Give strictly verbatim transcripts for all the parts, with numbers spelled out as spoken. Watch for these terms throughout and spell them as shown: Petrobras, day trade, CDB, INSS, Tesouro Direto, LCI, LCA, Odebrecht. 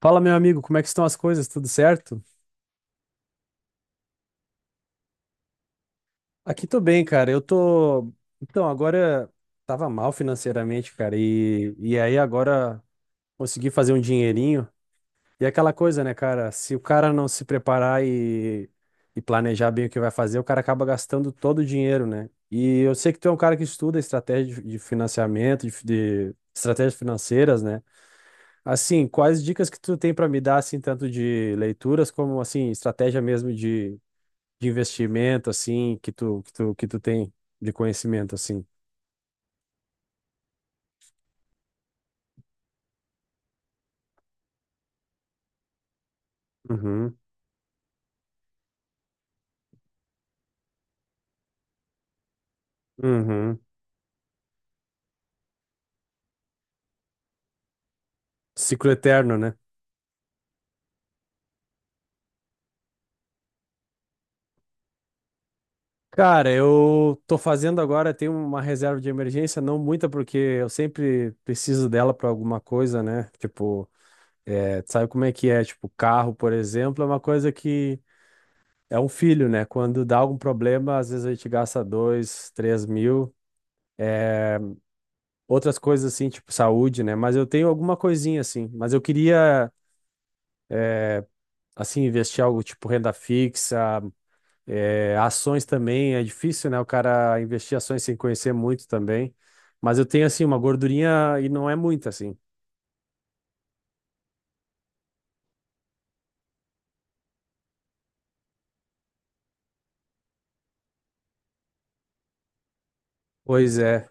Fala, meu amigo, como é que estão as coisas? Tudo certo? Aqui tô bem, cara. Eu tô. Então, agora tava mal financeiramente, cara, e, e aí agora consegui fazer um dinheirinho. E é aquela coisa, né, cara? Se o cara não se preparar e, e planejar bem o que vai fazer, o cara acaba gastando todo o dinheiro, né? E eu sei que tu é um cara que estuda estratégia de de financiamento, de, fi- de estratégias financeiras, né? Assim, quais dicas que tu tem pra me dar, assim, tanto de leituras como, assim, estratégia mesmo de investimento, assim, que tu, que tu, que tu tem de conhecimento, assim? Uhum, uhum. Ciclo eterno, né? Cara, eu tô fazendo agora, tenho uma reserva de emergência, não muita, porque eu sempre preciso dela pra alguma coisa, né? Tipo, é, tu sabe como é que é? Tipo, carro, por exemplo, é uma coisa que é um filho, né? Quando dá algum problema, às vezes a gente gasta dois, três mil. Outras coisas assim, tipo saúde, né? Mas eu tenho alguma coisinha assim. Mas eu queria assim, investir algo tipo renda fixa, eh, ações também, é difícil, né? O cara investir ações sem conhecer muito também. Mas eu tenho, assim, uma gordurinha e não é muita, assim. Pois é.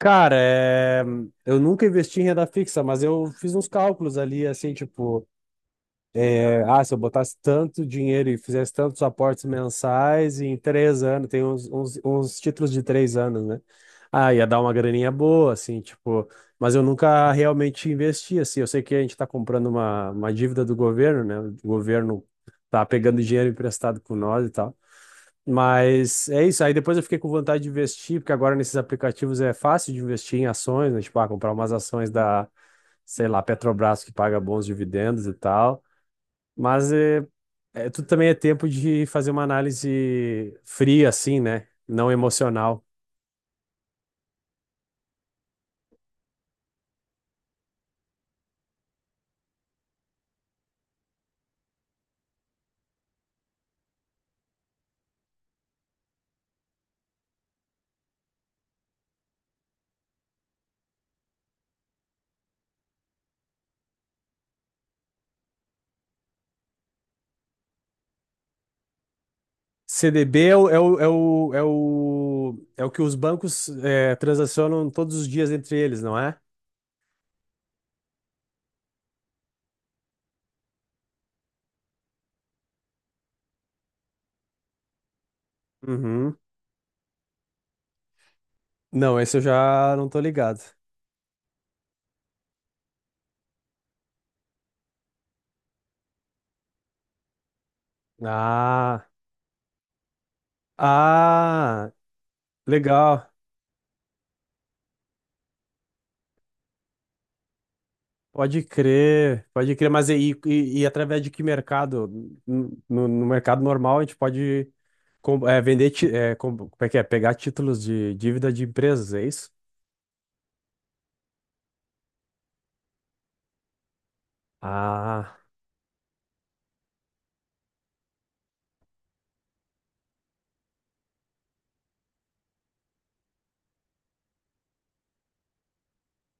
Cara, eh, eu nunca investi em renda fixa, mas eu fiz uns cálculos ali, assim, tipo. É, ah, se eu botasse tanto dinheiro e fizesse tantos aportes mensais em três anos, tem uns, uns, uns títulos de três anos, né? Ah, ia dar uma graninha boa, assim, tipo, mas eu nunca realmente investi, assim. Eu sei que a gente está comprando uma, uma dívida do governo, né? O governo tá pegando dinheiro emprestado com nós e tal. Mas é isso. Aí depois eu fiquei com vontade de investir, porque agora nesses aplicativos é fácil de investir em ações, né? Tipo, ah, comprar umas ações da, sei lá, Petrobras que paga bons dividendos e tal. Mas eh, é, tudo também é tempo de fazer uma análise fria, assim, né? Não emocional. C D B é o, é o, é o, é o, é o que os bancos é, transacionam todos os dias entre eles, não é? Uhum. Não, esse eu já não tô ligado. Ah, ah, legal. Pode crer, pode crer. Mas e, e, e através de que mercado? No, no mercado normal, a gente pode com- é, vender, ti- é, com- como é que é? Pegar títulos de dívida de empresas, é isso? Ah,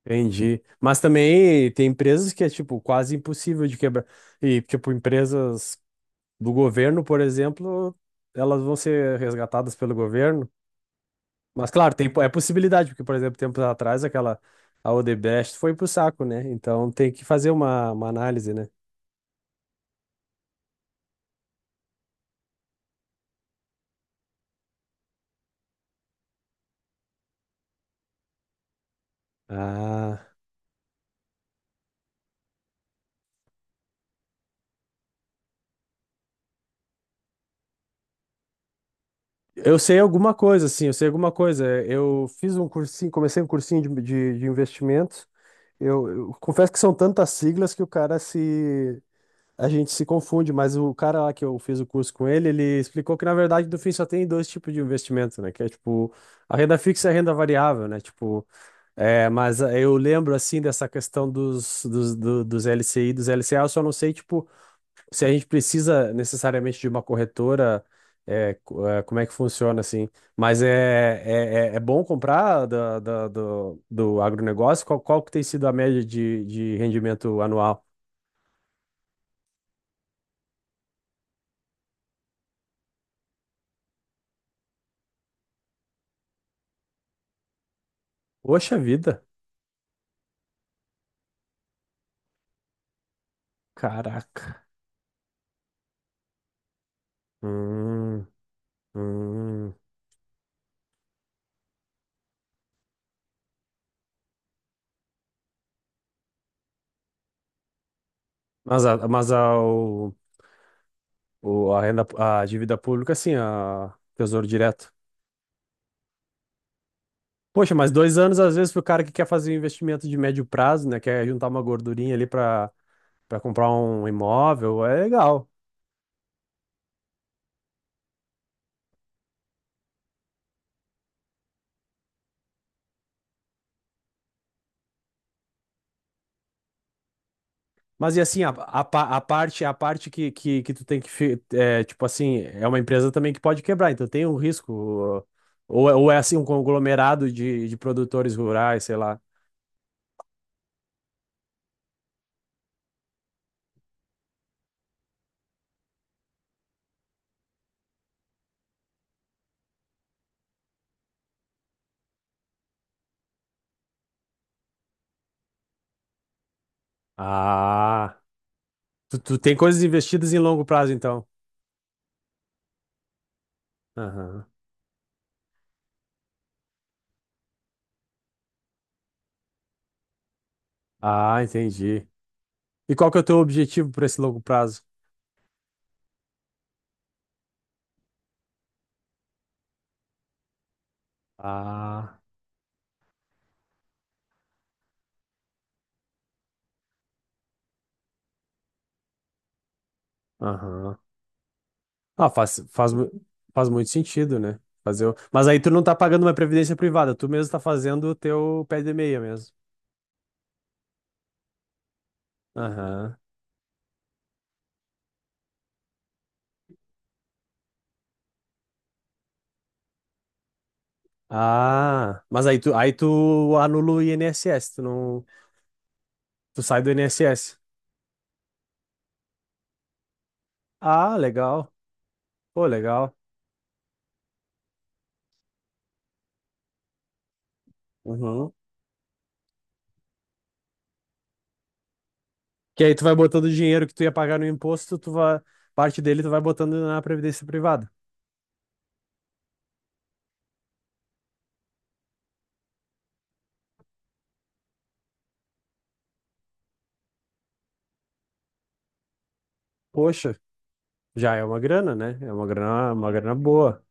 entendi. Mas também tem empresas que é, tipo, quase impossível de quebrar. E, tipo, empresas do governo, por exemplo, elas vão ser resgatadas pelo governo. Mas, claro, tem, é possibilidade, porque, por exemplo, tempos atrás, aquela, a Odebrecht foi pro saco, né? Então tem que fazer uma, uma análise, né? Ah, eu sei alguma coisa, sim, eu sei alguma coisa. Eu fiz um cursinho, comecei um cursinho de, de, de investimentos. Eu, eu confesso que são tantas siglas que o cara se, a gente se confunde, mas o cara lá que eu fiz o curso com ele, ele explicou que, na verdade, no fim só tem dois tipos de investimento, né? Que é, tipo, a renda fixa e a renda variável, né? Tipo, é, mas eh, eu lembro, assim, dessa questão dos, dos, do- dos L C I, dos L C A, eu só não sei, tipo, se a gente precisa necessariamente de uma corretora, é, co- é, como é que funciona, assim. Mas é, é, é é bom comprar da, da- do, do agronegócio? Qual, qual que tem sido a média de, de rendimento anual? Poxa vida! Caraca. Hum, hum. Mas, a, mas a, o, o- a renda, a dívida pública, sim, a Tesouro Direto. Poxa, mas dois anos, às vezes, para o cara que quer fazer um investimento de médio prazo, né? Quer juntar uma gordurinha ali para para comprar um imóvel, é legal. Mas e assim, a, a, pa- a parte a parte que, que, que tu tem que, fi- é, tipo assim, é uma empresa também que pode quebrar, então tem um risco. Ou, é- ou é assim, um conglomerado de, de produtores rurais, sei lá. Ah. Tu, tu tem coisas investidas em longo prazo, então. Aham. Ah, entendi. E qual que é o teu objetivo para esse longo prazo? Ah, aham. Ah, faz, faz, mu- faz muito sentido, né? Fazer o... Mas aí tu não tá pagando uma previdência privada, tu mesmo tá fazendo o teu pé de meia mesmo. Aham. Ah, mas aí tu, aí tu anula o I N S S, tu não, tu sai do I N S S. Ah, legal. Pô, legal. Uhum. Que aí tu vai botando o dinheiro que tu ia pagar no imposto, tu vai, parte dele tu vai botando na previdência privada. Poxa, já é uma grana, né? É uma grana, uma grana boa.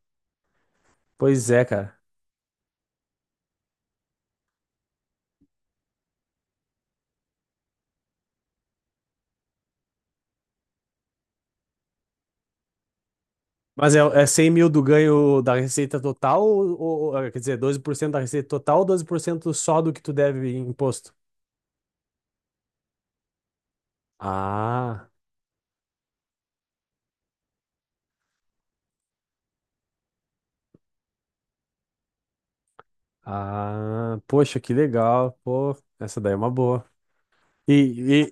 Pois é, cara. Mas é, é cem mil do ganho da receita total, ou, ou- ou, quer dizer, doze por cento da receita total ou doze por cento só do que tu deve em imposto? Ah, ah, poxa, que legal. Pô, essa daí é uma boa. E,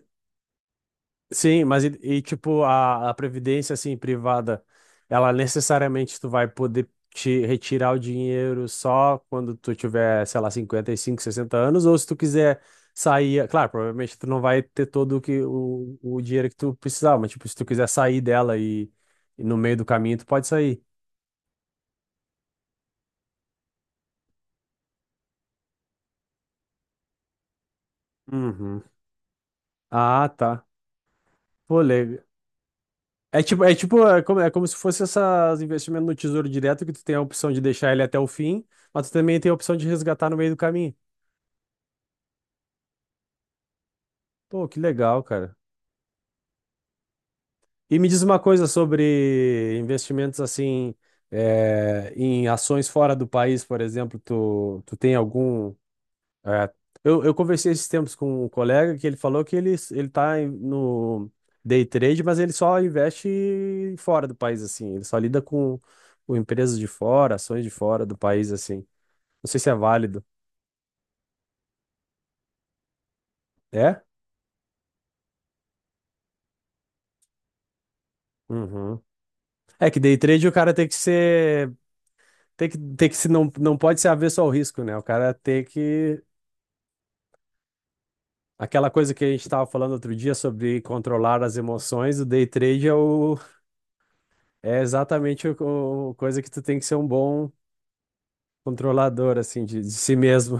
Sim, mas e, e, tipo, a, a previdência assim privada, ela necessariamente tu vai poder te retirar o dinheiro só quando tu tiver, sei lá, cinquenta e cinco sessenta anos, ou se tu quiser sair, claro, provavelmente tu não vai ter todo o que o, o dinheiro que tu precisava, mas tipo, se tu quiser sair dela e, e no meio do caminho tu pode sair. Uhum. Ah, tá. Pô, le- É tipo, é tipo, é como, é como se fosse esses investimentos no Tesouro Direto que tu tem a opção de deixar ele até o fim, mas tu também tem a opção de resgatar no meio do caminho. Pô, que legal, cara. E me diz uma coisa sobre investimentos assim, é, em ações fora do país, por exemplo, tu, tu tem algum. É, eu, eu conversei esses tempos com um colega que ele falou que ele, ele tá em- no day trade, mas ele só investe fora do país, assim, ele só lida com, com empresas de fora, ações de fora do país, assim. Não sei se é válido. É? Uhum. É que day trade o cara tem que ser. Tem que, tem que se não, não pode ser avesso ao risco, né? O cara tem que. Aquela coisa que a gente estava falando outro dia sobre controlar as emoções, o day trade é, o, é exatamente o, o- coisa que tu tem que ser um bom controlador, assim, de, de si mesmo.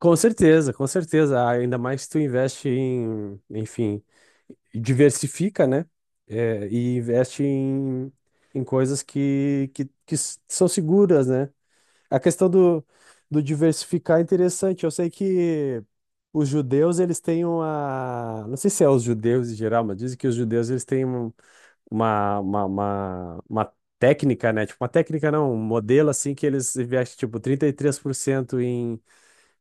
Com certeza, com certeza. Ah, ainda mais se tu investe em, enfim, diversifica, né? É, e investe em, em coisas que, que, que s- são seguras, né? A questão do, do diversificar é interessante. Eu sei que os judeus, eles têm uma... Não sei se é os judeus em geral, mas dizem que os judeus, eles têm um- uma, uma, uma, uma técnica, né? Tipo, uma técnica não, um modelo assim que eles investem, tipo, trinta e três por cento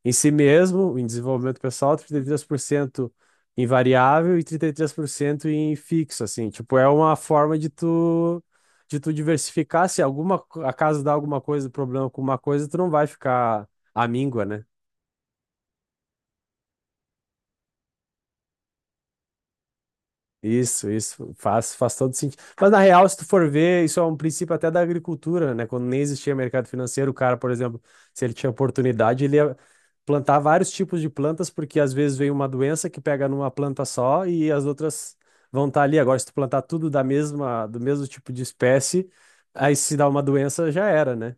em si mesmo, em desenvolvimento pessoal, trinta e três por cento em variável e trinta e três por cento em fixo, assim. Tipo, é uma forma de tu de tu diversificar, se alguma co- acaso dá alguma coisa, problema com uma coisa, tu não vai ficar amíngua, né? Isso, isso faz, faz todo sentido. Mas na real, se tu for ver, isso é um princípio até da agricultura, né? Quando nem existia mercado financeiro, o cara, por exemplo, se ele tinha oportunidade, ele ia plantar vários tipos de plantas, porque às vezes vem uma doença que pega numa planta só e as outras vão estar ali. Agora, se tu plantar tudo da mesma, do mesmo tipo de espécie, aí se dá uma doença, já era, né?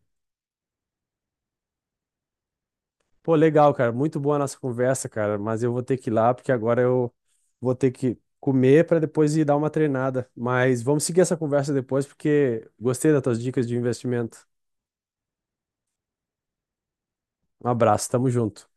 Pô, legal, cara. Muito boa a nossa conversa, cara. Mas eu vou ter que ir lá, porque agora eu vou ter que comer para depois ir dar uma treinada. Mas vamos seguir essa conversa depois, porque gostei das tuas dicas de investimento. Um abraço, tamo junto.